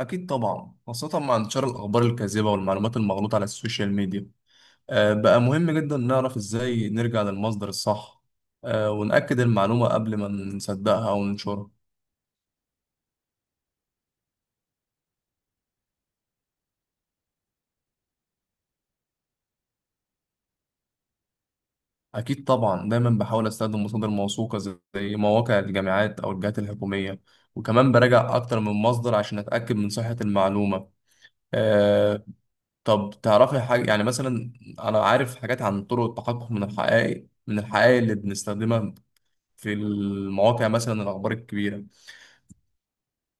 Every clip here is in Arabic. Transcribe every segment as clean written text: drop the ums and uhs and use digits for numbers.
أكيد طبعا، خاصة مع انتشار الأخبار الكاذبة والمعلومات المغلوطة على السوشيال ميديا. بقى مهم جدا نعرف إزاي نرجع للمصدر الصح. ونأكد المعلومة قبل ما نصدقها أو ننشرها. أكيد طبعا، دايما بحاول أستخدم مصادر موثوقة زي مواقع الجامعات أو الجهات الحكومية. وكمان براجع أكتر من مصدر عشان أتأكد من صحة المعلومة. آه، طب تعرفي حاجة؟ يعني مثلا أنا عارف حاجات عن طرق التحقق من الحقائق اللي بنستخدمها في المواقع، مثلا الأخبار الكبيرة.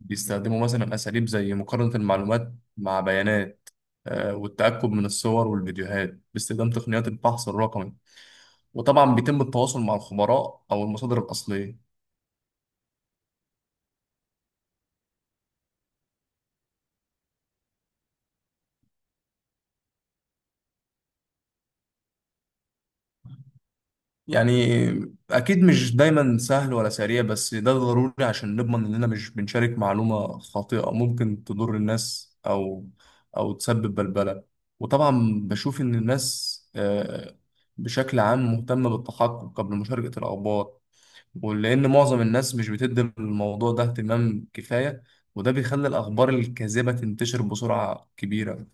بيستخدموا مثلا أساليب زي مقارنة المعلومات مع بيانات، والتأكد من الصور والفيديوهات باستخدام تقنيات البحث الرقمي. وطبعا بيتم التواصل مع الخبراء أو المصادر الأصلية. يعني اكيد مش دايما سهل ولا سريع، بس ده ضروري عشان نضمن اننا مش بنشارك معلومة خاطئة ممكن تضر الناس، او او تسبب بلبلة. وطبعا بشوف ان الناس بشكل عام مهتمة بالتحقق قبل مشاركة الاخبار. ولان معظم الناس مش بتدي الموضوع ده اهتمام كفاية، وده بيخلي الاخبار الكاذبة تنتشر بسرعة كبيرة.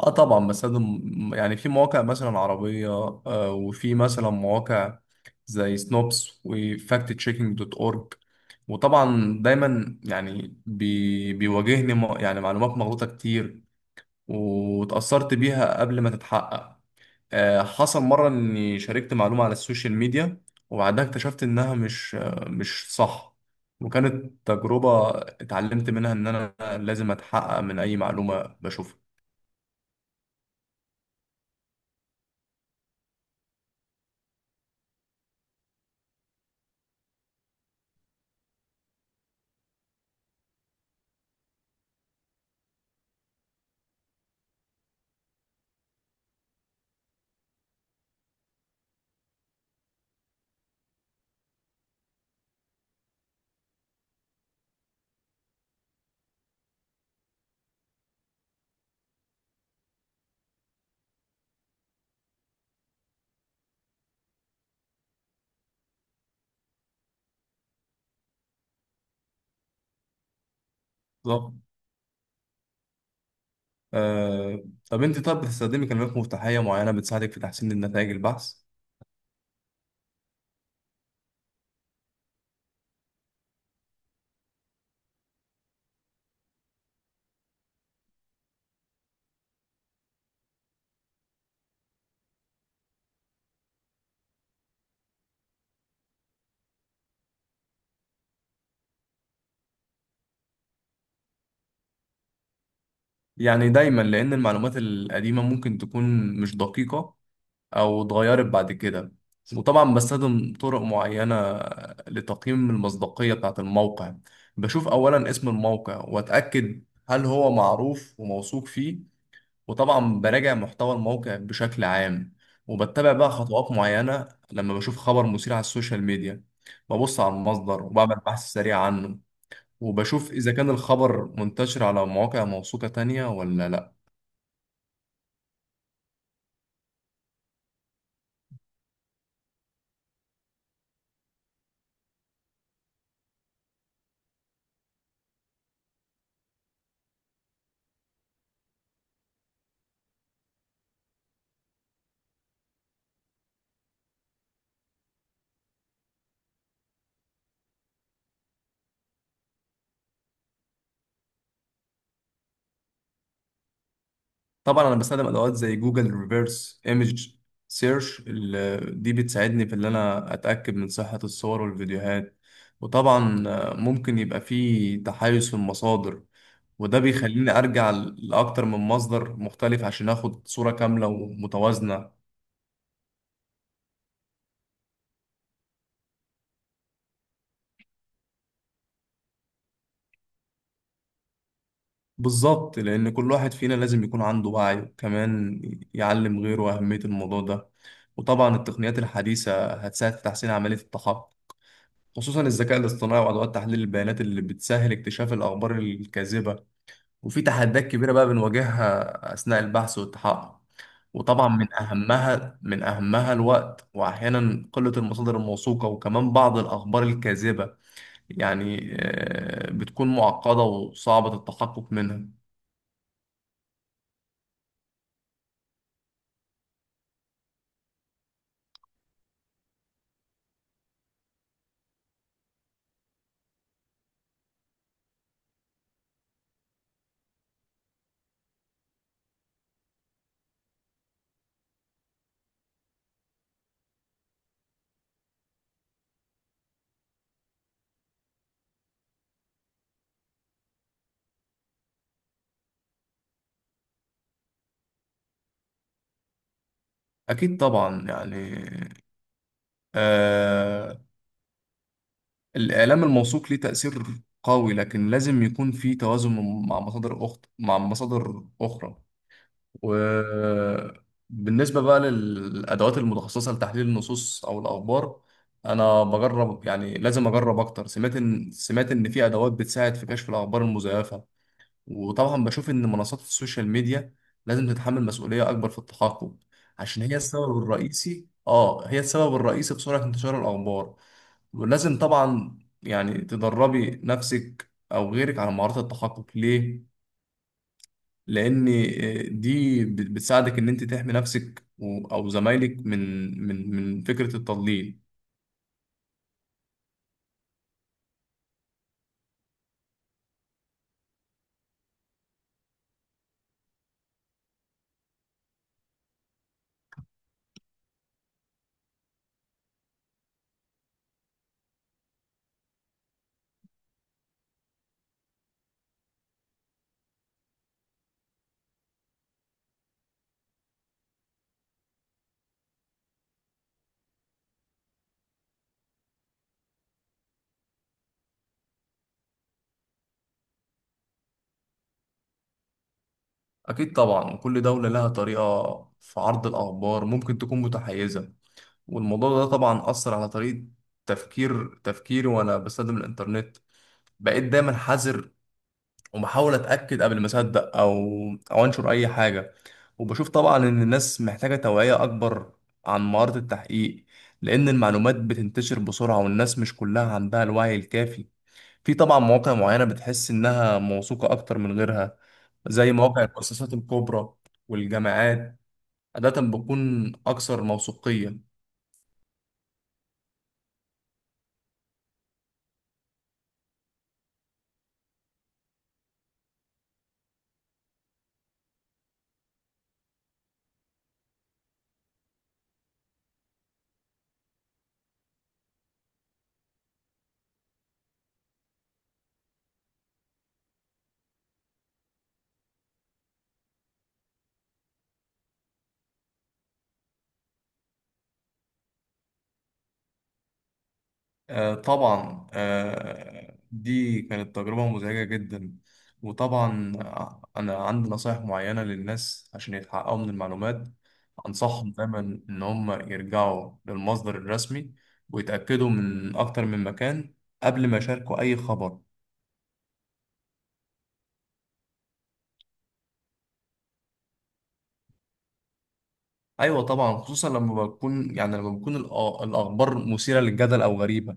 اه طبعا بستخدم. يعني في مواقع مثلا عربية، وفي مثلا مواقع زي سنوبس وفاكت تشيكينج دوت اورج. وطبعا دايما يعني بيواجهني يعني معلومات مغلوطة كتير، وتأثرت بيها قبل ما تتحقق. حصل مرة اني شاركت معلومة على السوشيال ميديا، وبعدها اكتشفت انها مش صح. وكانت تجربة اتعلمت منها ان انا لازم اتحقق من اي معلومة بشوفها. بالظبط. آه، طب انت بتستخدمي كلمات مفتاحية معينة بتساعدك في تحسين النتائج البحث؟ يعني دايما، لأن المعلومات القديمة ممكن تكون مش دقيقة أو اتغيرت بعد كده. وطبعا بستخدم طرق معينة لتقييم المصداقية بتاعة الموقع. بشوف أولا اسم الموقع وأتأكد هل هو معروف وموثوق فيه، وطبعا براجع محتوى الموقع بشكل عام. وبتبع بقى خطوات معينة لما بشوف خبر مثير على السوشيال ميديا. ببص على المصدر وبعمل بحث سريع عنه، وبشوف إذا كان الخبر منتشر على مواقع موثوقة تانية ولا لأ. طبعا انا بستخدم ادوات زي جوجل ريفرس ايمج سيرش. دي بتساعدني في ان انا اتاكد من صحه الصور والفيديوهات. وطبعا ممكن يبقى في تحيز في المصادر، وده بيخليني ارجع لاكتر من مصدر مختلف عشان اخد صوره كامله ومتوازنه. بالظبط، لان كل واحد فينا لازم يكون عنده وعي، وكمان يعلم غيره اهميه الموضوع ده. وطبعا التقنيات الحديثه هتساعد في تحسين عمليه التحقق، خصوصا الذكاء الاصطناعي وأدوات تحليل البيانات اللي بتسهل اكتشاف الأخبار الكاذبة. وفي تحديات كبيرة بقى بنواجهها أثناء البحث والتحقق. وطبعا من أهمها الوقت، وأحيانا قلة المصادر الموثوقة، وكمان بعض الأخبار الكاذبة يعني بتكون معقدة وصعبة التحقق منها. أكيد طبعا، يعني آه، الإعلام الموثوق ليه تأثير قوي، لكن لازم يكون في توازن مع مصادر أخرى. وبالنسبة بقى للأدوات المتخصصة لتحليل النصوص أو الأخبار، أنا بجرب، يعني لازم أجرب أكتر. سمعت إن في أدوات بتساعد في كشف الأخبار المزيفة. وطبعا بشوف إن منصات السوشيال ميديا لازم تتحمل مسؤولية أكبر في التحقق، عشان هي السبب الرئيسي في سرعة انتشار الأخبار. ولازم طبعا يعني تدربي نفسك أو غيرك على مهارات التحقق. ليه؟ لان دي بتساعدك ان انت تحمي نفسك او زمايلك من من فكره التضليل. اكيد طبعا، وكل دوله لها طريقه في عرض الاخبار ممكن تكون متحيزه. والموضوع ده طبعا اثر على طريقه تفكيري. وانا بستخدم الانترنت، بقيت دايما حذر، وبحاول اتاكد قبل ما اصدق او او انشر اي حاجه. وبشوف طبعا ان الناس محتاجه توعيه اكبر عن مهاره التحقيق، لان المعلومات بتنتشر بسرعه والناس مش كلها عندها الوعي الكافي. في طبعا مواقع معينه بتحس انها موثوقه اكتر من غيرها، زي مواقع المؤسسات الكبرى والجامعات، عاده بتكون اكثر موثوقيه. طبعا، دي كانت تجربة مزعجة جدا. وطبعا أنا عندي نصائح معينة للناس عشان يتحققوا من المعلومات. أنصحهم دايما إن هم يرجعوا للمصدر الرسمي، ويتأكدوا من أكتر من مكان قبل ما يشاركوا أي خبر. أيوة طبعا، خصوصا لما بكون، يعني لما بكون الأخبار مثيرة للجدل أو غريبة.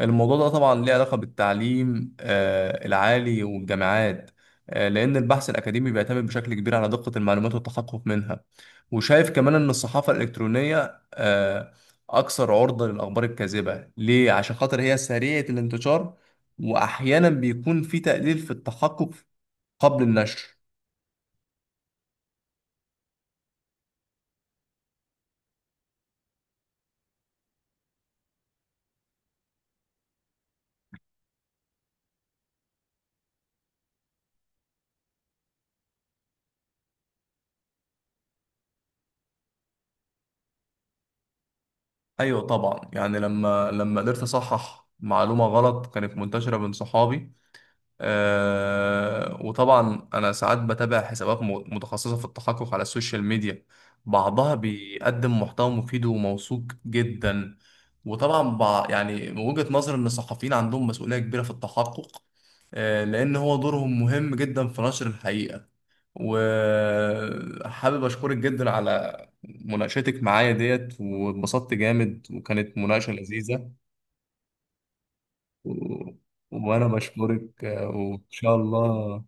الموضوع ده طبعا ليه علاقة بالتعليم العالي والجامعات، لأن البحث الأكاديمي بيعتمد بشكل كبير على دقة المعلومات والتحقق منها. وشايف كمان إن الصحافة الإلكترونية أكثر عرضة للأخبار الكاذبة. ليه؟ عشان خاطر هي سريعة الانتشار، وأحيانا بيكون في تقليل في التحقق قبل النشر. أيوة طبعا، يعني لما قدرت أصحح معلومة غلط كانت منتشرة بين صحابي. وطبعا انا ساعات بتابع حسابات متخصصه في التحقق على السوشيال ميديا، بعضها بيقدم محتوى مفيد وموثوق جدا. وطبعا يعني من وجهه نظر ان الصحفيين عندهم مسؤوليه كبيره في التحقق، لان هو دورهم مهم جدا في نشر الحقيقه. وحابب اشكرك جدا على مناقشتك معايا ديت، واتبسطت جامد وكانت مناقشه لذيذه. و... وانا بشكرك، وان شاء الله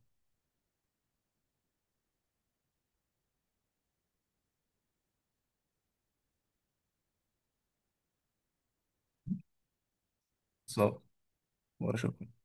وأشوف